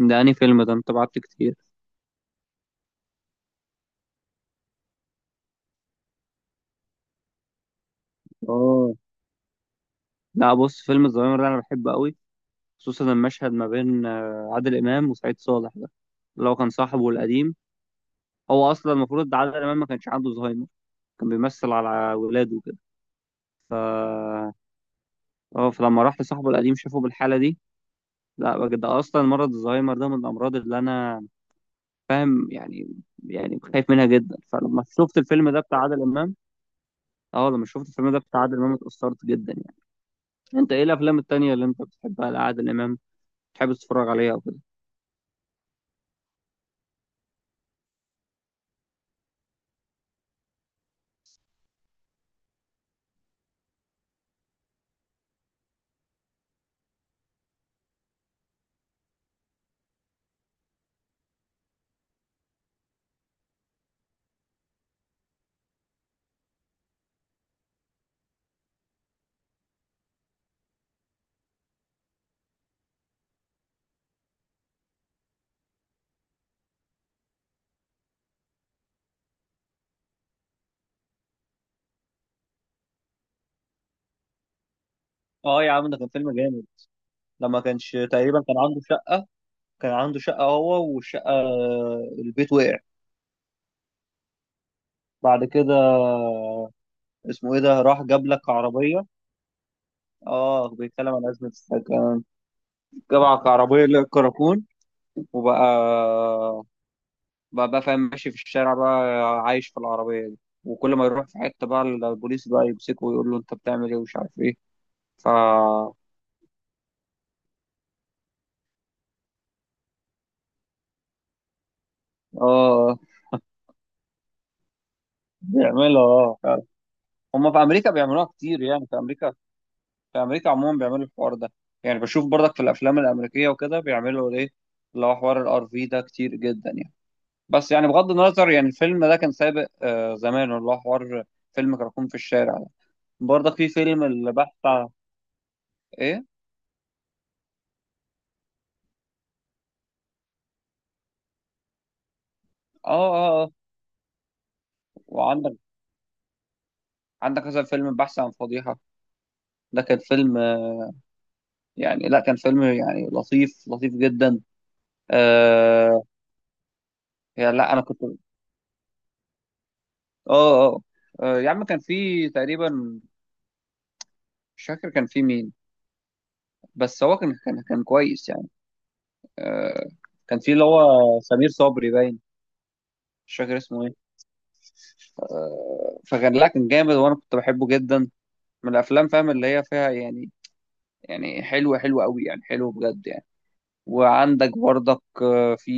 ده أنهي فيلم؟ ده أنت بعت كتير. اه، لا بص، فيلم الظاهرة ده أنا بحبه قوي. خصوصا المشهد ما بين عادل إمام وسعيد صالح ده، اللي هو كان صاحبه القديم. هو أصلا المفروض ده عادل إمام ما كانش عنده زهايمر، كان بيمثل على ولاده وكده. ف اه، فلما راح لصاحبه القديم شافه بالحالة دي. لا بجد، ده أصلا مرض الزهايمر ده من الأمراض اللي أنا فاهم يعني، يعني خايف منها جدا. فلما شفت الفيلم ده بتاع عادل إمام، اه لما شفت الفيلم ده بتاع عادل إمام اتأثرت جدا يعني. أنت إيه الأفلام التانية اللي أنت بتحبها لعادل إمام؟ تحب تتفرج عليه او كده. اه يا عم، ده كان فيلم جامد. لما كانش تقريبا كان عنده شقة، كان عنده شقة هو والشقة، البيت وقع. بعد كده اسمه ايه ده؟ راح جاب لك عربية. اه، بيتكلم عن أزمة السكن، جاب لك عربية اللي هي الكراكون. وبقى بقى فاهم، ماشي في الشارع بقى، عايش في العربية دي. وكل ما يروح في حتة بقى البوليس بقى يمسكه ويقول له انت بتعمل ايه ومش عارف ايه. ف اه، بيعملوا اه فعلا. هما في امريكا بيعملوها كتير، يعني في امريكا، في امريكا عموما بيعملوا الحوار ده. يعني بشوف برضك في الافلام الامريكيه وكده بيعملوا ايه، اللي هو حوار الار في ده كتير جدا يعني. بس يعني بغض النظر، يعني الفيلم ده كان سابق آه زمان، اللي هو حوار فيلم كراكون في الشارع ده. برضك في فيلم البحث عن ايه، اه اه اه. وعندك، عندك مثلا فيلم البحث عن فضيحه، ده كان فيلم يعني، لا كان فيلم يعني لطيف، لطيف جدا. آه، يعني لا انا كنت اه، اه يا عم كان في تقريبا، مش فاكر كان في مين، بس هو كان كان كويس يعني. آه، كان في اللي هو سمير صبري باين، مش فاكر اسمه ايه. فكان لا كان جامد وانا كنت بحبه جدا، من الافلام فاهم اللي هي فيها يعني، يعني حلوه، قوي يعني، حلو بجد يعني. وعندك برضك في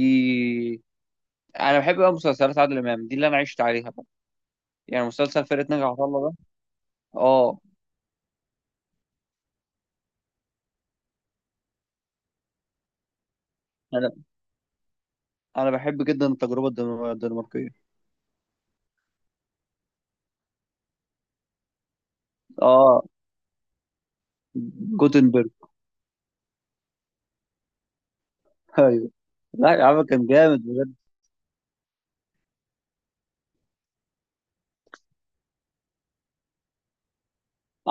انا بحب بقى مسلسلات عادل امام دي اللي انا عشت عليها بقى. يعني مسلسل فرقه ناجي عطا الله ده. اه، انا بحب جدا التجربه الدنماركيه. اه جوتنبرج. ايوه، لا يا عم كان جامد بجد.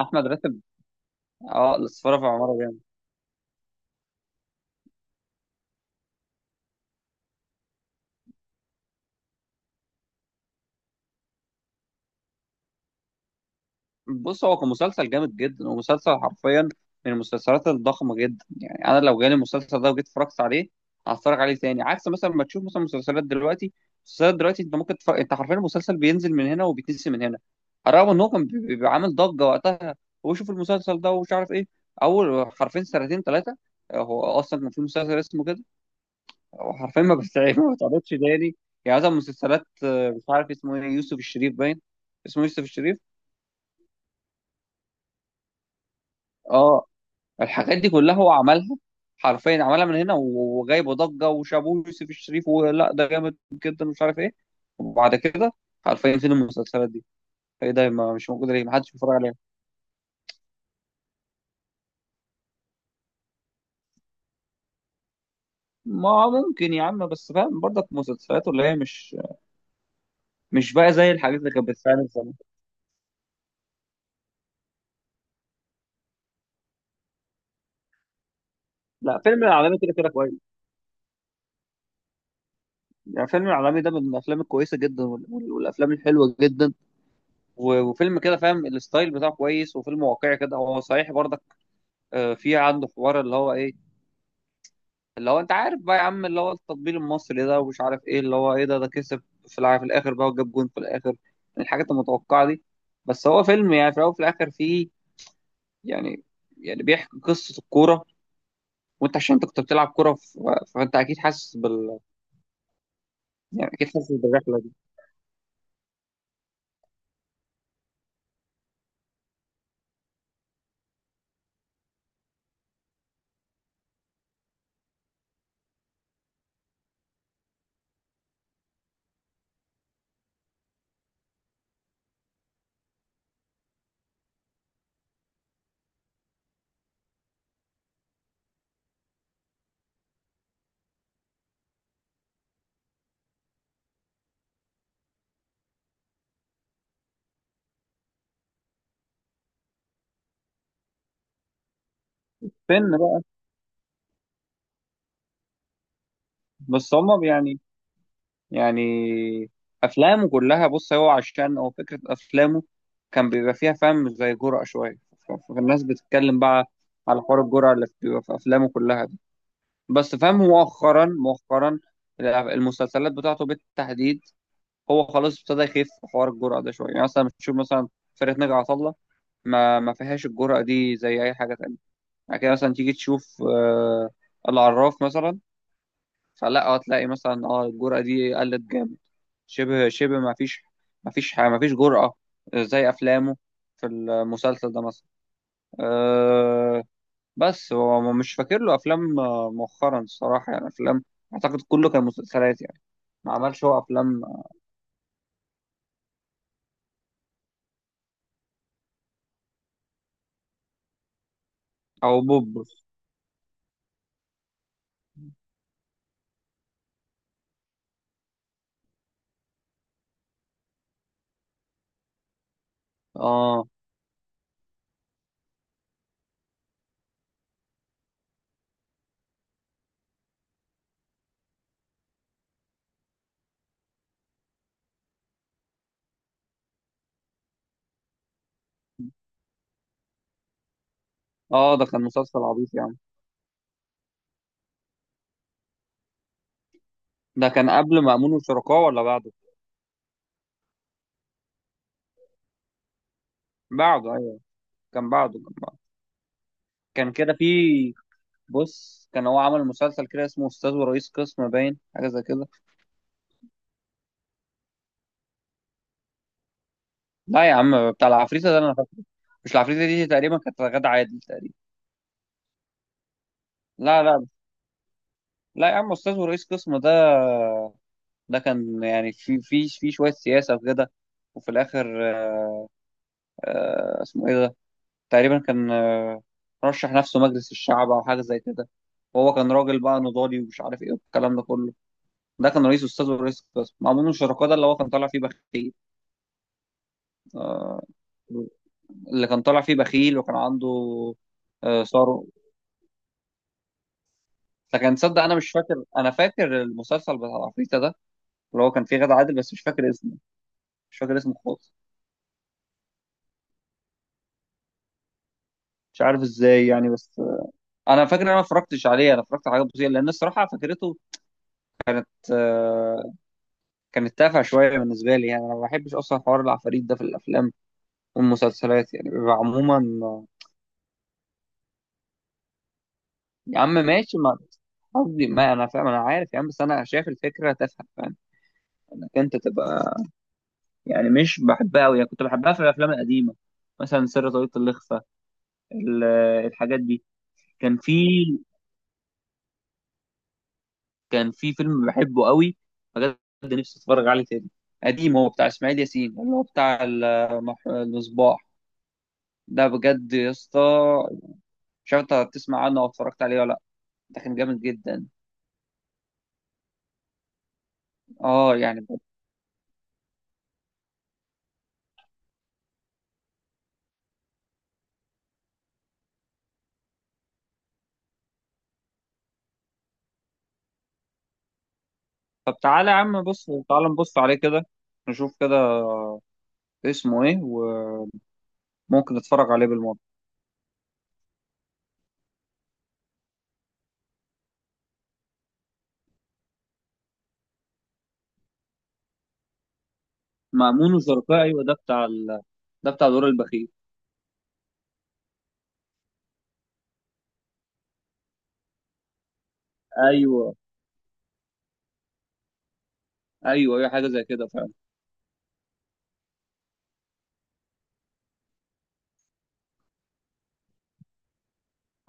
احمد راتب، اه السفارة في عمارة جامد. بص هو كان مسلسل جامد جدا، ومسلسل حرفيا من المسلسلات الضخمة جدا. يعني أنا لو جالي المسلسل ده وجيت اتفرجت عليه هتفرج عليه تاني، عكس مثلا ما تشوف مثلا مسلسلات دلوقتي. مسلسلات دلوقتي أنت ممكن تفرق، أنت حرفيا المسلسل بينزل من هنا وبيتنسي من هنا، على الرغم إن هو كان بيبقى عامل ضجة وقتها، وشوف المسلسل ده ومش عارف إيه أول حرفيا سنتين ثلاثة. هو أصلا كان في مسلسل اسمه كده، هو حرفيا ما بتتعرض ما بتتعرضش تاني. يعني مثلا مسلسلات مش عارف اسمه إيه، يوسف الشريف باين اسمه يوسف الشريف. اه، الحاجات دي كلها هو عملها، حرفيا عملها من هنا وجايبه ضجه وشابوه يوسف الشريف ولا ده جامد جدا ومش عارف ايه. وبعد كده حرفيا فين المسلسلات دي؟ ايه ده، ما مش موجوده ليه؟ ما حدش بيتفرج عليها. ما ممكن يا عم، بس فاهم برضك، مسلسلات اللي هي مش بقى زي الحاجات اللي كانت بتتعمل زمان. لا فيلم العالمي كده كده كويس. يعني فيلم العالمي ده من الافلام الكويسه جدا والافلام الحلوه جدا. وفيلم كده فاهم الستايل بتاعه كويس، وفيلم واقعي كده هو صحيح برضك. في عنده حوار اللي هو ايه، اللي هو انت عارف بقى يا عم، اللي هو التطبيل المصري ده ومش عارف ايه، اللي هو ايه ده، ده كسب في في الاخر بقى وجاب جون في الاخر. الحاجات المتوقعه دي، بس هو فيلم يعني في الاول وفي الاخر فيه يعني، يعني بيحكي قصه الكوره. وانت عشان انت كنت بتلعب كوره، فانت اكيد حاسس بال، يعني اكيد حاسس بالرحله دي. فيلم بقى. بس هما يعني، يعني افلامه كلها بص، هو عشان هو فكره افلامه كان بيبقى فيها فهم زي جرأة شويه. فالناس بتتكلم بقى على حوار الجرأة اللي بتبقى في افلامه كلها. بس فاهم، مؤخرا المسلسلات بتاعته بالتحديد هو خلاص ابتدى يخف في حوار الجرأة ده شوية. يعني مثلا بتشوف مثلا فرقة ناجي عطا الله ما فيهاش الجرأة دي زي أي حاجة تانية. يعني كده مثلا تيجي تشوف العراف مثلا، فلا هتلاقي مثلا اه الجرأة دي قلت جامد، شبه ما فيش، ما فيش ما فيش جرأة زي أفلامه في المسلسل ده مثلا. آه، بس هو مش فاكر له افلام مؤخرا الصراحه، يعني افلام. اعتقد كله كان مسلسلات يعني، ما عملش هو افلام. او بوبس. اه اه. ده كان مسلسل عبيط يعني. ده كان قبل مأمون وشركاه ولا بعده؟ بعده ايوه، كان بعده كان بعده. كان كده في، بص كان هو عمل مسلسل كده اسمه استاذ ورئيس قسم باين، حاجه زي كده. لا يا عم، بتاع العفريتة ده انا فاكره. مش العفريتة دي تقريبا كانت غادة عادل تقريبا. لا لا، لا يا عم استاذ ورئيس قسم ده، ده كان يعني في في شويه سياسه وكده. وفي الاخر اسمه ايه ده؟ تقريبا كان رشح نفسه مجلس الشعب او حاجه زي كده، وهو كان راجل بقى نضالي ومش عارف ايه والكلام ده كله. ده كان رئيس استاذ ورئيس قسم، مأمون الشركاء ده اللي هو كان طالع فيه بخيل. آه، اللي كان طالع فيه بخيل وكان عنده ثروه. فكان تصدق، انا مش فاكر، انا فاكر المسلسل بتاع العفريتة ده اللي هو كان فيه غادة عادل، بس مش فاكر اسمه، مش فاكر اسمه خالص. مش عارف ازاي يعني، بس انا فاكر ان انا ما اتفرجتش عليه. انا اتفرجت على حاجات بسيطه، لان الصراحه فكرته كانت كانت تافهه شويه بالنسبه لي. يعني انا ما بحبش اصلا حوار العفاريت ده في الافلام والمسلسلات، يعني بيبقى عموما آه، يا عم ماشي، ما قصدي ما انا فاهم، انا عارف يا عم، بس انا شايف الفكره تافهه، فاهم، انك انت تبقى يعني، مش بحبها قوي يعني. كنت بحبها في الافلام القديمه مثلا سر طاقية الإخفاء، ال- الحاجات دي. كان في، كان في فيلم بحبه قوي بجد، نفسي اتفرج عليه تاني. قديم هو بتاع اسماعيل ياسين اللي هو بتاع المصباح. ده بجد يا اسطى، مش عارف انت هتسمع عنه او اتفرجت عليه ولا لا. ده كان جامد جدا. اه يعني بجد. طب تعالى يا عم، بص تعالى نبص عليه كده، نشوف كده اسمه ايه، وممكن نتفرج عليه بالمره. مأمون وشركاه ايوه، ده بتاع ال، ده بتاع دور البخيل. ايوه ايوه، اي حاجه زي كده فعلا.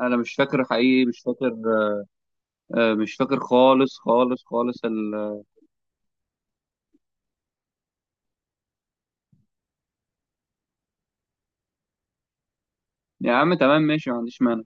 انا مش فاكر حقيقي، مش فاكر. مش فاكر خالص خالص ال. يا عم تمام ماشي، ما عنديش مانع.